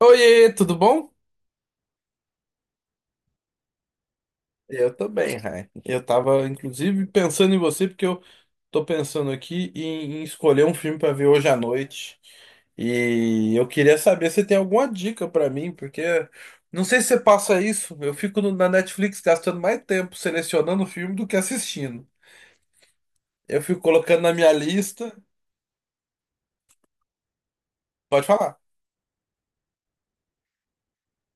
Oiê, tudo bom? Eu tô bem, Rai. Eu tava, inclusive, pensando em você, porque eu tô pensando aqui em escolher um filme pra ver hoje à noite. E eu queria saber se tem alguma dica pra mim, porque não sei se você passa isso. Eu fico na Netflix gastando mais tempo selecionando o filme do que assistindo. Eu fico colocando na minha lista. Pode falar.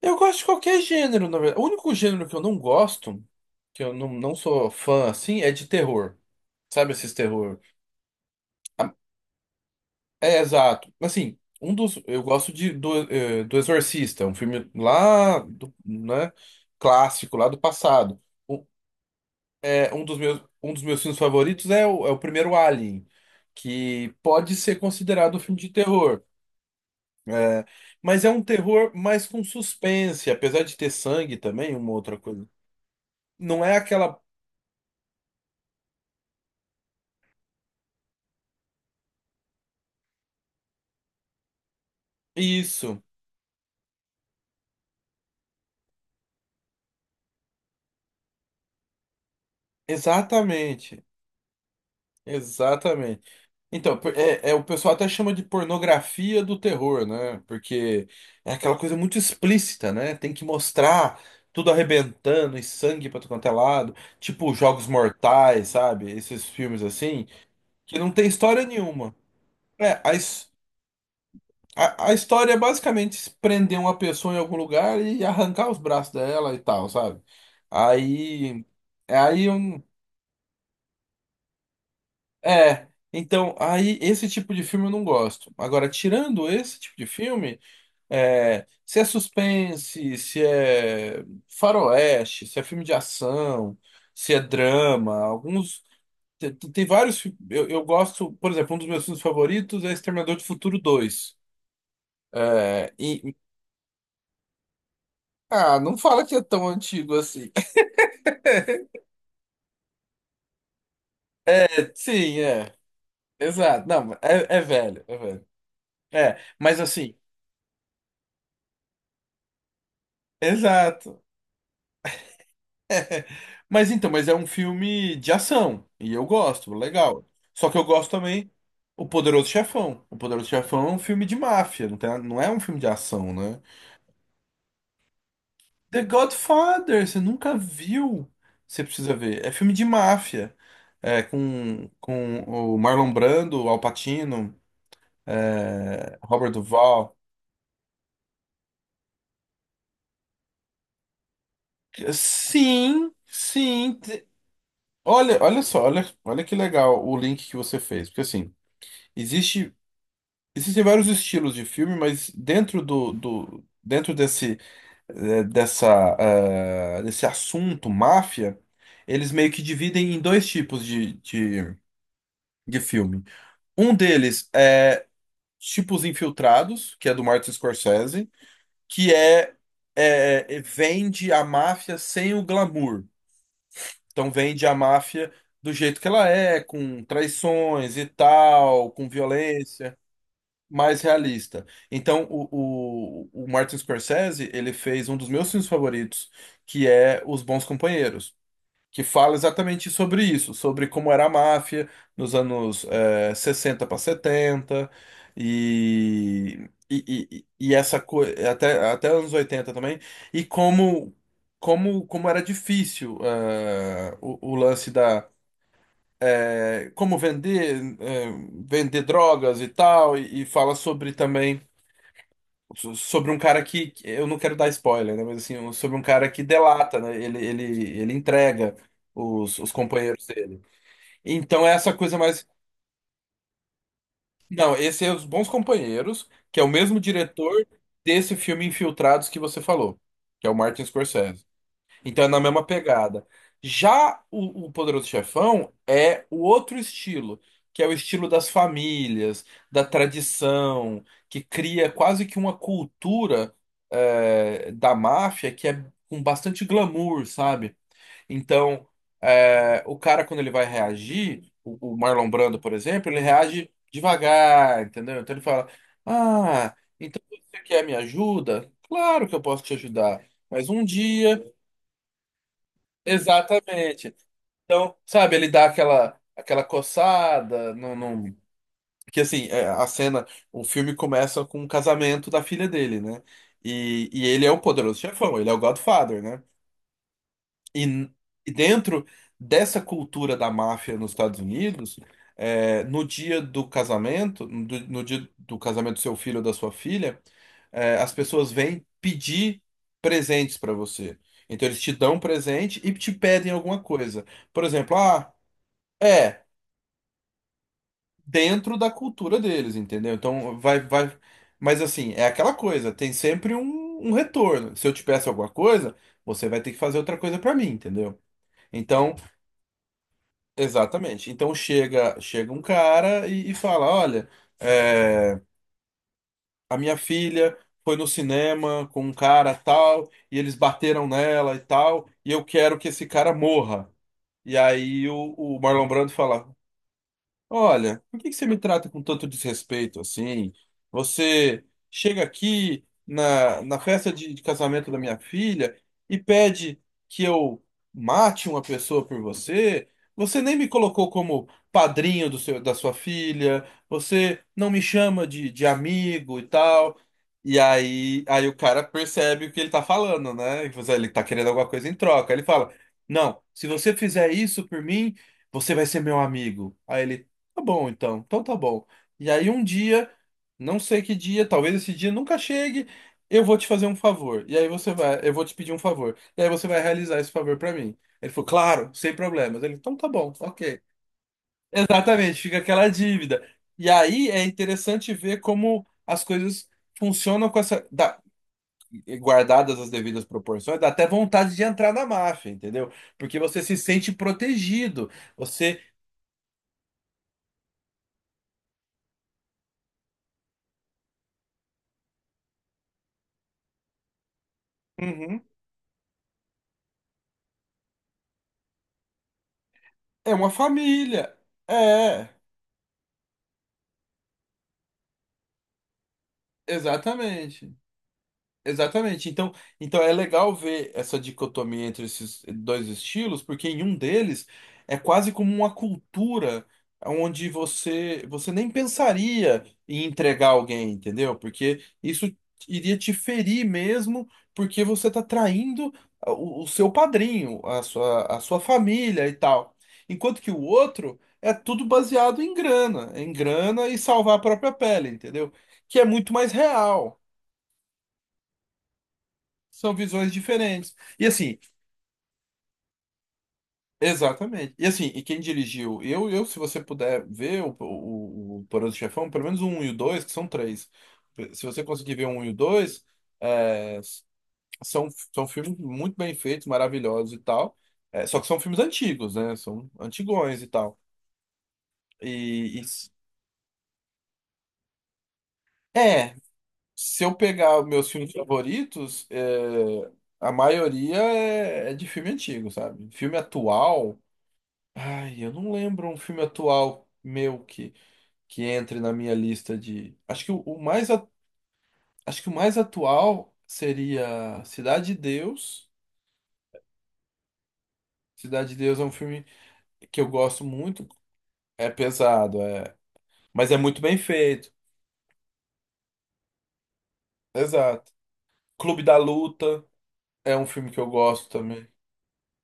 Eu gosto de qualquer gênero, na verdade. O único gênero que eu não gosto, que eu não sou fã assim, é de terror. Sabe esses terror? É, exato. Assim, um dos. Eu gosto do Exorcista, é um filme lá do, né, clássico, lá do passado. Um, um dos meus filmes favoritos é é o primeiro Alien, que pode ser considerado um filme de terror. É, mas é um terror mais com suspense, apesar de ter sangue também, uma outra coisa. Não é aquela. Isso, exatamente. Exatamente. Então, o pessoal até chama de pornografia do terror, né? Porque é aquela coisa muito explícita, né? Tem que mostrar tudo arrebentando e sangue pra tudo quanto é lado. Tipo Jogos Mortais, sabe? Esses filmes assim, que não tem história nenhuma. É. A história é basicamente prender uma pessoa em algum lugar e arrancar os braços dela e tal, sabe? Aí. É aí um. É. Então, aí esse tipo de filme eu não gosto. Agora, tirando esse tipo de filme. É, se é suspense, se é faroeste, se é filme de ação, se é drama, alguns. Tem vários. Eu gosto, por exemplo, um dos meus filmes favoritos é Exterminador do Futuro dois. É, ah, não fala que é tão antigo assim. É, sim, é. Exato. Não, é velho, é velho. É, mas assim, exato. Mas é um filme de ação. E eu gosto, legal. Só que eu gosto também O Poderoso Chefão. O Poderoso Chefão é um filme de máfia, não é um filme de ação, né? The Godfather, você nunca viu? Você precisa ver. É filme de máfia. É, com o Marlon Brando, Al Pacino, Robert Duvall. Sim, sim. Olha só, olha que legal o link que você fez. Porque assim, existe. Existem vários estilos de filme, mas dentro do, do dentro desse eh, dessa desse assunto máfia, eles meio que dividem em dois tipos de filme. Um deles é tipo Os Infiltrados, que é do Martin Scorsese, que é, é é, vende a máfia sem o glamour. Então vende a máfia do jeito que ela é, com traições e tal, com violência. Mais realista. Então, o Martin Scorsese, ele fez um dos meus filmes favoritos, que é Os Bons Companheiros, que fala exatamente sobre isso, sobre como era a máfia nos anos 60 para 70 e essa coisa, até anos 80 também, e como era difícil o lance da, é, como vender, é, vender drogas e tal, e fala sobre também sobre um cara eu não quero dar spoiler, né? Mas assim, sobre um cara que delata, né? Ele entrega os companheiros dele. Então é essa coisa mais. Não, esse é Os Bons Companheiros, que é o mesmo diretor desse filme Infiltrados que você falou, que é o Martin Scorsese. Então é na mesma pegada. Já o Poderoso Chefão é o outro estilo, que é o estilo das famílias, da tradição, que cria quase que uma cultura da máfia que é com bastante glamour, sabe? Então, o cara, quando ele vai reagir, o Marlon Brando, por exemplo, ele reage devagar, entendeu? Então ele fala: Ah, então você quer minha ajuda? Claro que eu posso te ajudar. Mas um dia. Exatamente. Então, sabe, ele dá aquela coçada, não, não... Que assim, a cena, o filme começa com o casamento da filha dele, né? E ele é o poderoso chefão, ele é o Godfather, né? E, n- e dentro dessa cultura da máfia nos Estados Unidos, no dia do casamento, no dia do casamento do seu filho ou da sua filha, as pessoas vêm pedir presentes para você. Então eles te dão um presente e te pedem alguma coisa. Por exemplo, ah, é dentro da cultura deles, entendeu? Então vai, vai. Mas assim, é aquela coisa, tem sempre um retorno. Se eu te peço alguma coisa, você vai ter que fazer outra coisa para mim, entendeu? Então, exatamente. Então chega um cara e fala, olha, é, a minha filha foi no cinema com um cara tal, e eles bateram nela e tal, e eu quero que esse cara morra. E aí o Marlon Brando fala: Olha, por que que você me trata com tanto desrespeito assim? Você chega aqui na festa de casamento da minha filha e pede que eu mate uma pessoa por você. Você nem me colocou como padrinho da sua filha. Você não me chama de amigo e tal. E aí o cara percebe o que ele tá falando, né? Ele tá querendo alguma coisa em troca. Ele fala: Não, se você fizer isso por mim. Você vai ser meu amigo. Aí ele, tá bom, então. Então tá bom. E aí um dia, não sei que dia, talvez esse dia nunca chegue, eu vou te fazer um favor. Eu vou te pedir um favor. E aí você vai realizar esse favor pra mim. Ele falou, claro, sem problemas. Ele, então tá bom, ok. Exatamente, fica aquela dívida. E aí é interessante ver como as coisas funcionam com guardadas as devidas proporções, dá até vontade de entrar na máfia, entendeu? Porque você se sente protegido. Você, Uhum. É uma família. É. Exatamente. Exatamente. Então é legal ver essa dicotomia entre esses dois estilos, porque em um deles é quase como uma cultura onde você nem pensaria em entregar alguém, entendeu? Porque isso iria te ferir mesmo, porque você está traindo o seu padrinho, a sua família e tal. Enquanto que o outro é tudo baseado em grana e salvar a própria pele, entendeu? Que é muito mais real. São visões diferentes. E assim, exatamente. E assim, quem dirigiu? Se você puder ver o Poderoso Chefão, pelo menos o 1 e o 2, que são três. Se você conseguir ver o 1 e o 2, é, são, são filmes muito bem feitos, maravilhosos e tal. É, só que são filmes antigos, né? São antigões e tal. E, e- é, se eu pegar os meus filmes favoritos, a maioria é de filme antigo, sabe? Filme atual. Ai, eu não lembro um filme atual meu que entre na minha lista de. Acho que o mais atual seria Cidade de Deus. Cidade de Deus é um filme que eu gosto muito. É pesado, mas é muito bem feito. Exato. Clube da Luta é um filme que eu gosto também.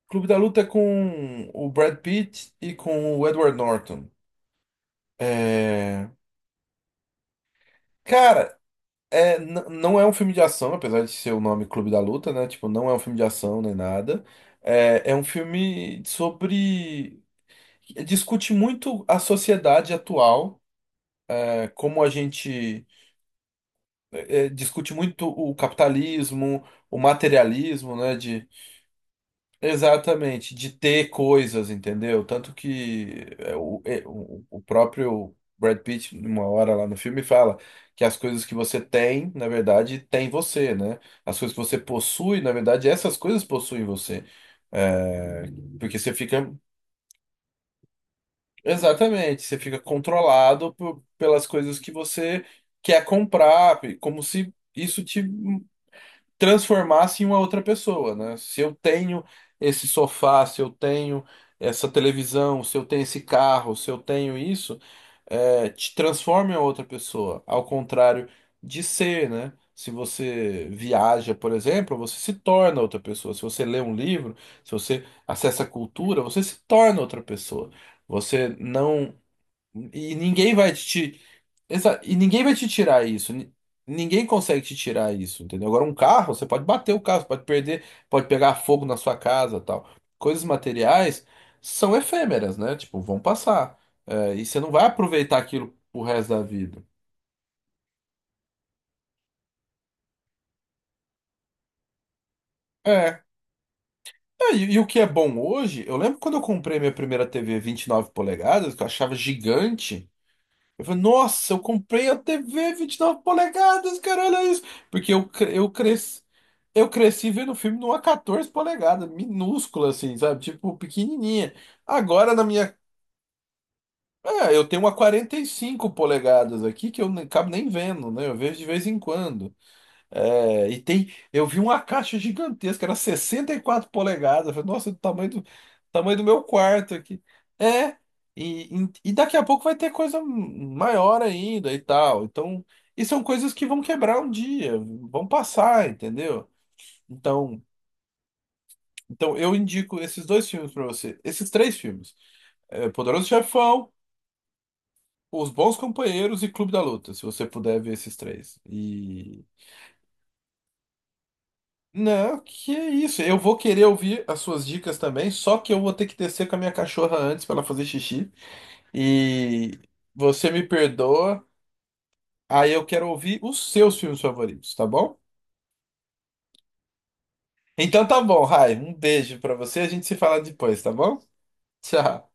Clube da Luta é com o Brad Pitt e com o Edward Norton. É... Cara, não é um filme de ação, apesar de ser o nome Clube da Luta, né? Tipo, não é um filme de ação nem nada. É um filme sobre. Discute muito a sociedade atual, como a gente discute muito o capitalismo, o materialismo, né? Exatamente, de ter coisas, entendeu? Tanto que o próprio Brad Pitt, numa hora lá no filme, fala que as coisas que você tem, na verdade, tem você, né? As coisas que você possui, na verdade, essas coisas possuem você. É, porque você fica. Exatamente, você fica controlado pelas coisas que você quer comprar, como se isso te transformasse em uma outra pessoa, né? Se eu tenho esse sofá, se eu tenho essa televisão, se eu tenho esse carro, se eu tenho isso, te transforma em outra pessoa. Ao contrário de ser, né? Se você viaja, por exemplo, você se torna outra pessoa. Se você lê um livro, se você acessa a cultura, você se torna outra pessoa. Você não e ninguém vai te. E ninguém vai te tirar isso. Ninguém consegue te tirar isso, entendeu? Agora, um carro, você pode bater o carro, você pode perder, pode pegar fogo na sua casa, tal. Coisas materiais são efêmeras, né? Tipo, vão passar. É, e você não vai aproveitar aquilo pro resto da vida. É. É. E o que é bom hoje, eu lembro quando eu comprei minha primeira TV 9 polegadas, que eu achava gigante. Eu falei, nossa, eu comprei a TV 9 polegadas, cara, olha isso. Porque eu cresci vendo o filme numa 14 polegadas, minúscula assim, sabe? Tipo, pequenininha. Agora na minha. É, eu tenho uma 45 polegadas aqui que eu nem acabo nem vendo, né? Eu vejo de vez em quando. É, e tem, eu vi uma caixa gigantesca, era 64 polegadas. Eu falei, nossa, do tamanho do, meu quarto aqui. É, e daqui a pouco vai ter coisa maior ainda e tal. Então, e são coisas que vão quebrar um dia, vão passar, entendeu? Então, então eu indico esses dois filmes pra você, esses três filmes: É, Poderoso Chefão, Os Bons Companheiros e Clube da Luta, se você puder ver esses três. Não, que isso. Eu vou querer ouvir as suas dicas também, só que eu vou ter que descer com a minha cachorra antes para ela fazer xixi. E você me perdoa. Aí eu quero ouvir os seus filmes favoritos, tá bom? Então tá bom, Rai. Um beijo para você. A gente se fala depois, tá bom? Tchau.